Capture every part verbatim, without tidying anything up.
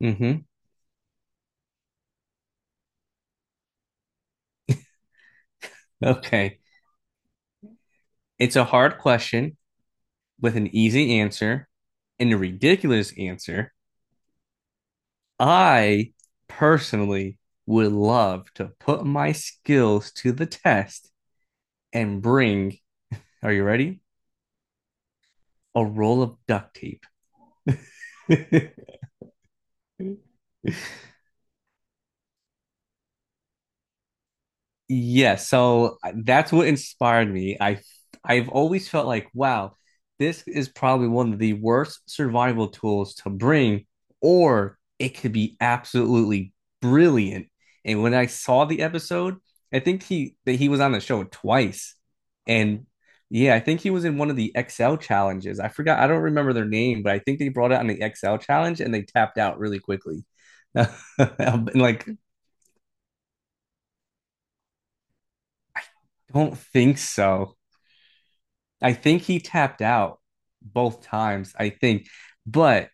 hmm Okay. It's a hard question with an easy answer and a ridiculous answer. I personally would love to put my skills to the test and bring, are you ready? A roll of duct tape. Yeah, so uh, that's what inspired me. I I've always felt like, wow, this is probably one of the worst survival tools to bring, or it could be absolutely brilliant. And when I saw the episode, I think he that he was on the show twice. And yeah, I think he was in one of the X L challenges. I forgot, I don't remember their name, but I think they brought it on the X L challenge and they tapped out really quickly. And like, don't think so. I think he tapped out both times, I think. But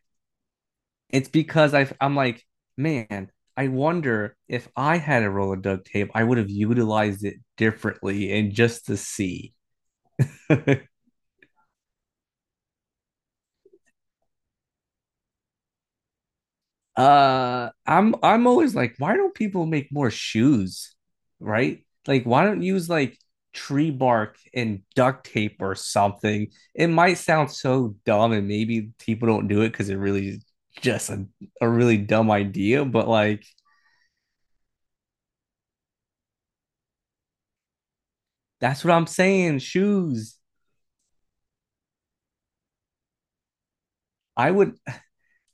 it's because I've, I'm like, man, I wonder if I had a roll of duct tape, I would have utilized it differently and just to see. Uh, I'm I'm always like, why don't people make more shoes, right? Like, why don't you use like tree bark and duct tape or something? It might sound so dumb, and maybe people don't do it because it really is just a, a really dumb idea, but like that's what I'm saying. Shoes. I would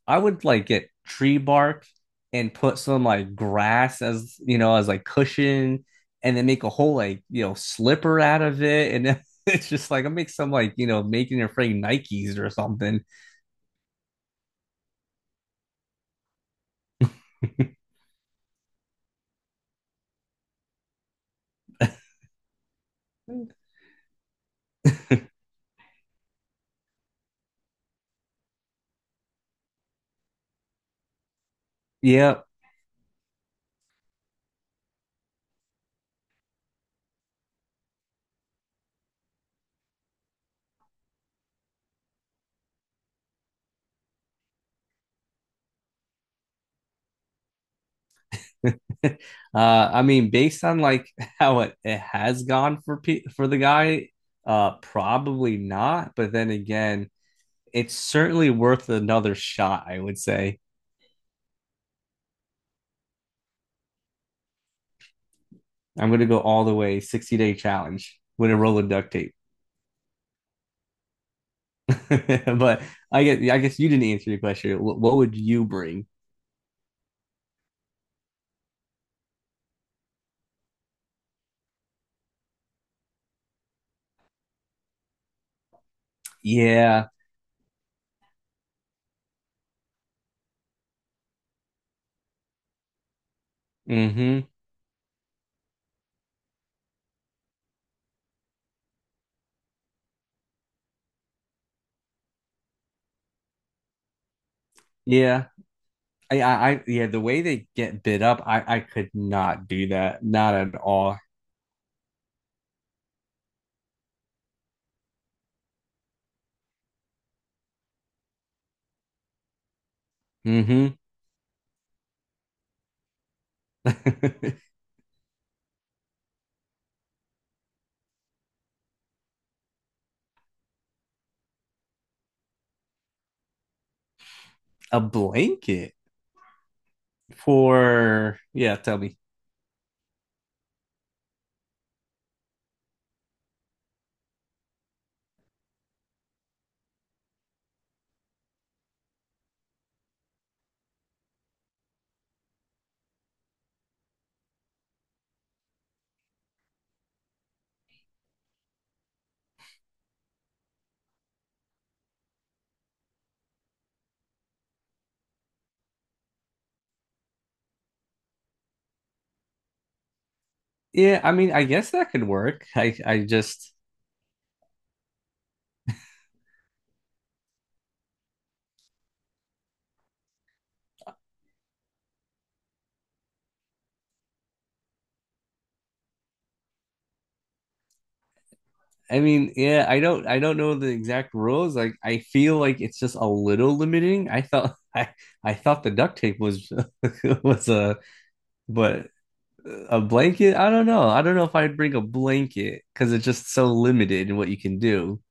I would like get tree bark and put some like grass as you know as like cushion, and then make a whole like you know slipper out of it, and then it's just like I make some like you know making your friend Nikes or something. Yeah, uh, I mean, based on like how it, it has gone for pe- for the guy, uh, probably not. But then again, it's certainly worth another shot. I would say. I'm gonna go all the way sixty day challenge with a roll of duct tape. But I guess I guess you didn't answer the question. What, what would you bring? Yeah. hmm Yeah. I, I, I yeah, the way they get bid up, I, I could not do that. Not at all. Hmm. A blanket for yeah, tell me. Yeah, I mean, I guess that could work. I I just I mean, yeah, I don't I don't know the exact rules. Like I feel like it's just a little limiting. I thought I I thought the duct tape was was a but a blanket, I don't know. I don't know if I'd bring a blanket because it's just so limited in what you can do.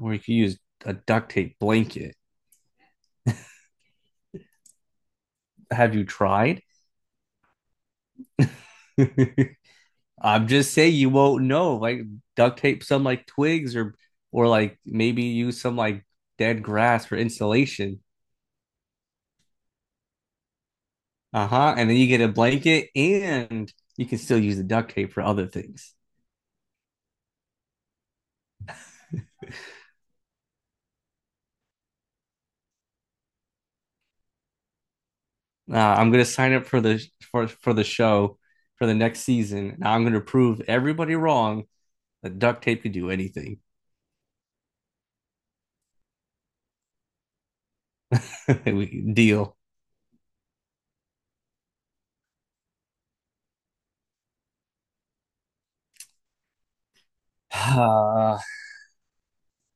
Or you could use a duct tape blanket. Have you tried? I'm just saying you won't know. Like duct tape some like twigs or or like maybe use some like dead grass for insulation. Uh-huh. And then you get a blanket and you can still use the duct tape for other things. Uh, I'm gonna sign up for the for for the show for the next season. And I'm gonna prove everybody wrong that duct tape can do anything. We deal. Uh,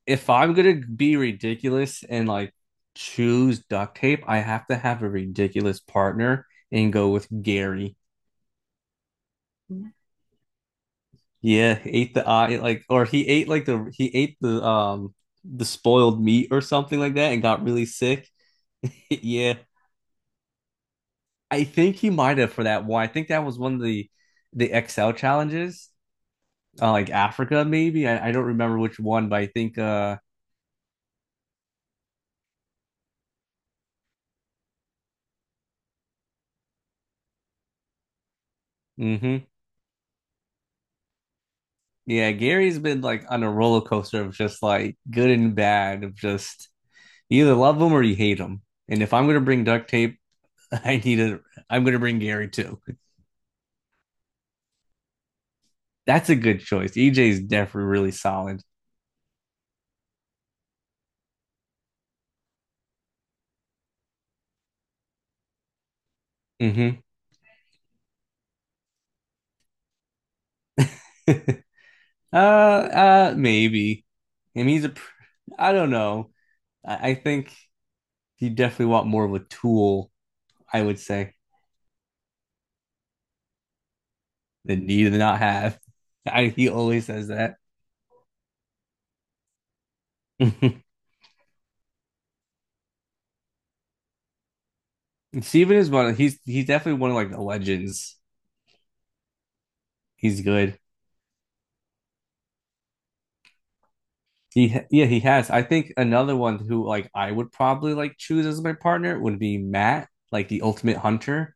if I'm gonna be ridiculous and like choose duct tape, I have to have a ridiculous partner and go with Gary. Yeah, he ate the eye like, or he ate like, the he ate the um the spoiled meat or something like that and got really sick. Yeah. I think he might have for that one. I think that was one of the the X L challenges. Uh, like Africa maybe. I, I don't remember which one, but I think uh hmm Yeah, Gary's been like on a roller coaster of just like good and bad of just you either love him or you hate him. And if I'm gonna bring duct tape, I need to I'm gonna bring Gary too. That's a good choice. E J's definitely really solid. Mm-hmm. uh, uh, maybe. I mean, he's a. I don't know. I, I think you definitely want more of a tool. I would say than you do not have. I, he always says that. Steven is one of, he's he's definitely one of like the legends. He's good. He Yeah, he has. I think another one who like I would probably like choose as my partner would be Matt, like the ultimate hunter.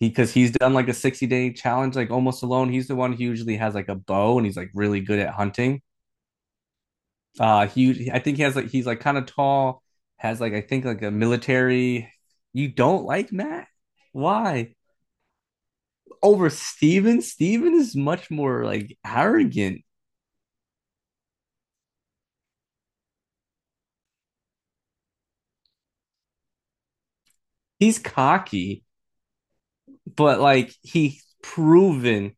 He Because he's done like a sixty day challenge like almost alone, he's the one who usually has like a bow and he's like really good at hunting. Uh he I think he has, like he's like kind of tall, has like I think like a military. You don't like Matt? Why? Over Steven, Steven is much more like arrogant. He's cocky but like he's proven.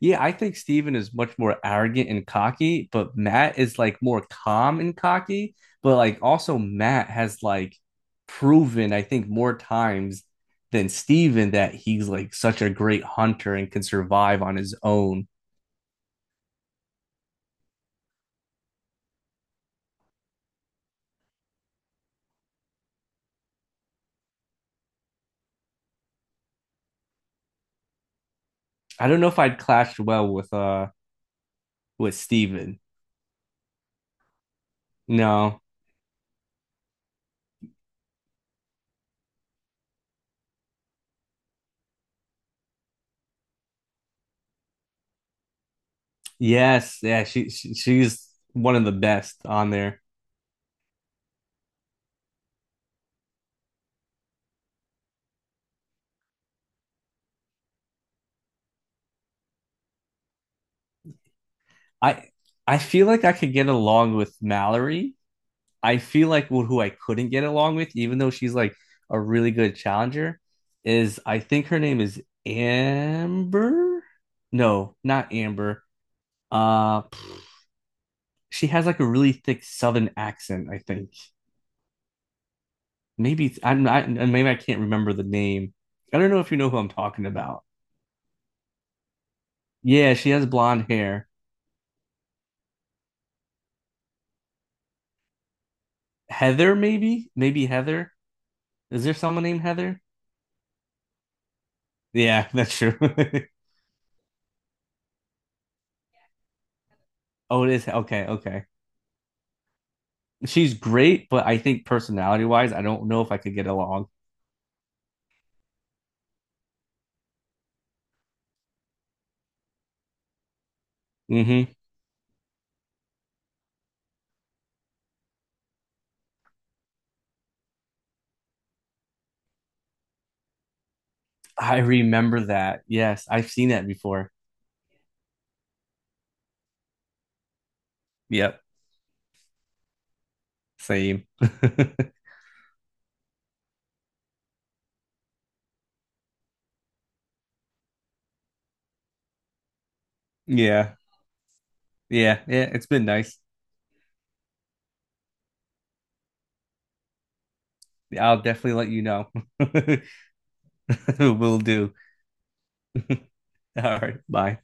Yeah, I think Steven is much more arrogant and cocky, but Matt is like more calm and cocky. But like also Matt has like proven, I think, more times than Steven that he's like such a great hunter and can survive on his own. I don't know if I'd clashed well with uh with Steven. No. Yes, yeah, she, she she's one of the best on there. I I feel like I could get along with Mallory. I feel like who who I couldn't get along with, even though she's like a really good challenger, is I think her name is Amber. No, not Amber. Uh, she has like a really thick Southern accent. I think maybe it's, I'm not. Maybe I can't remember the name. I don't know if you know who I'm talking about. Yeah, she has blonde hair. Heather, maybe, maybe Heather. Is there someone named Heather? Yeah, that's true. Oh, it is. Okay, okay. She's great, but I think personality wise, I don't know if I could get along. hmm I remember that. Yes, I've seen that before. Yep, same. Yeah, yeah, yeah. It's been nice. I'll definitely let you know. Will do. All right, bye.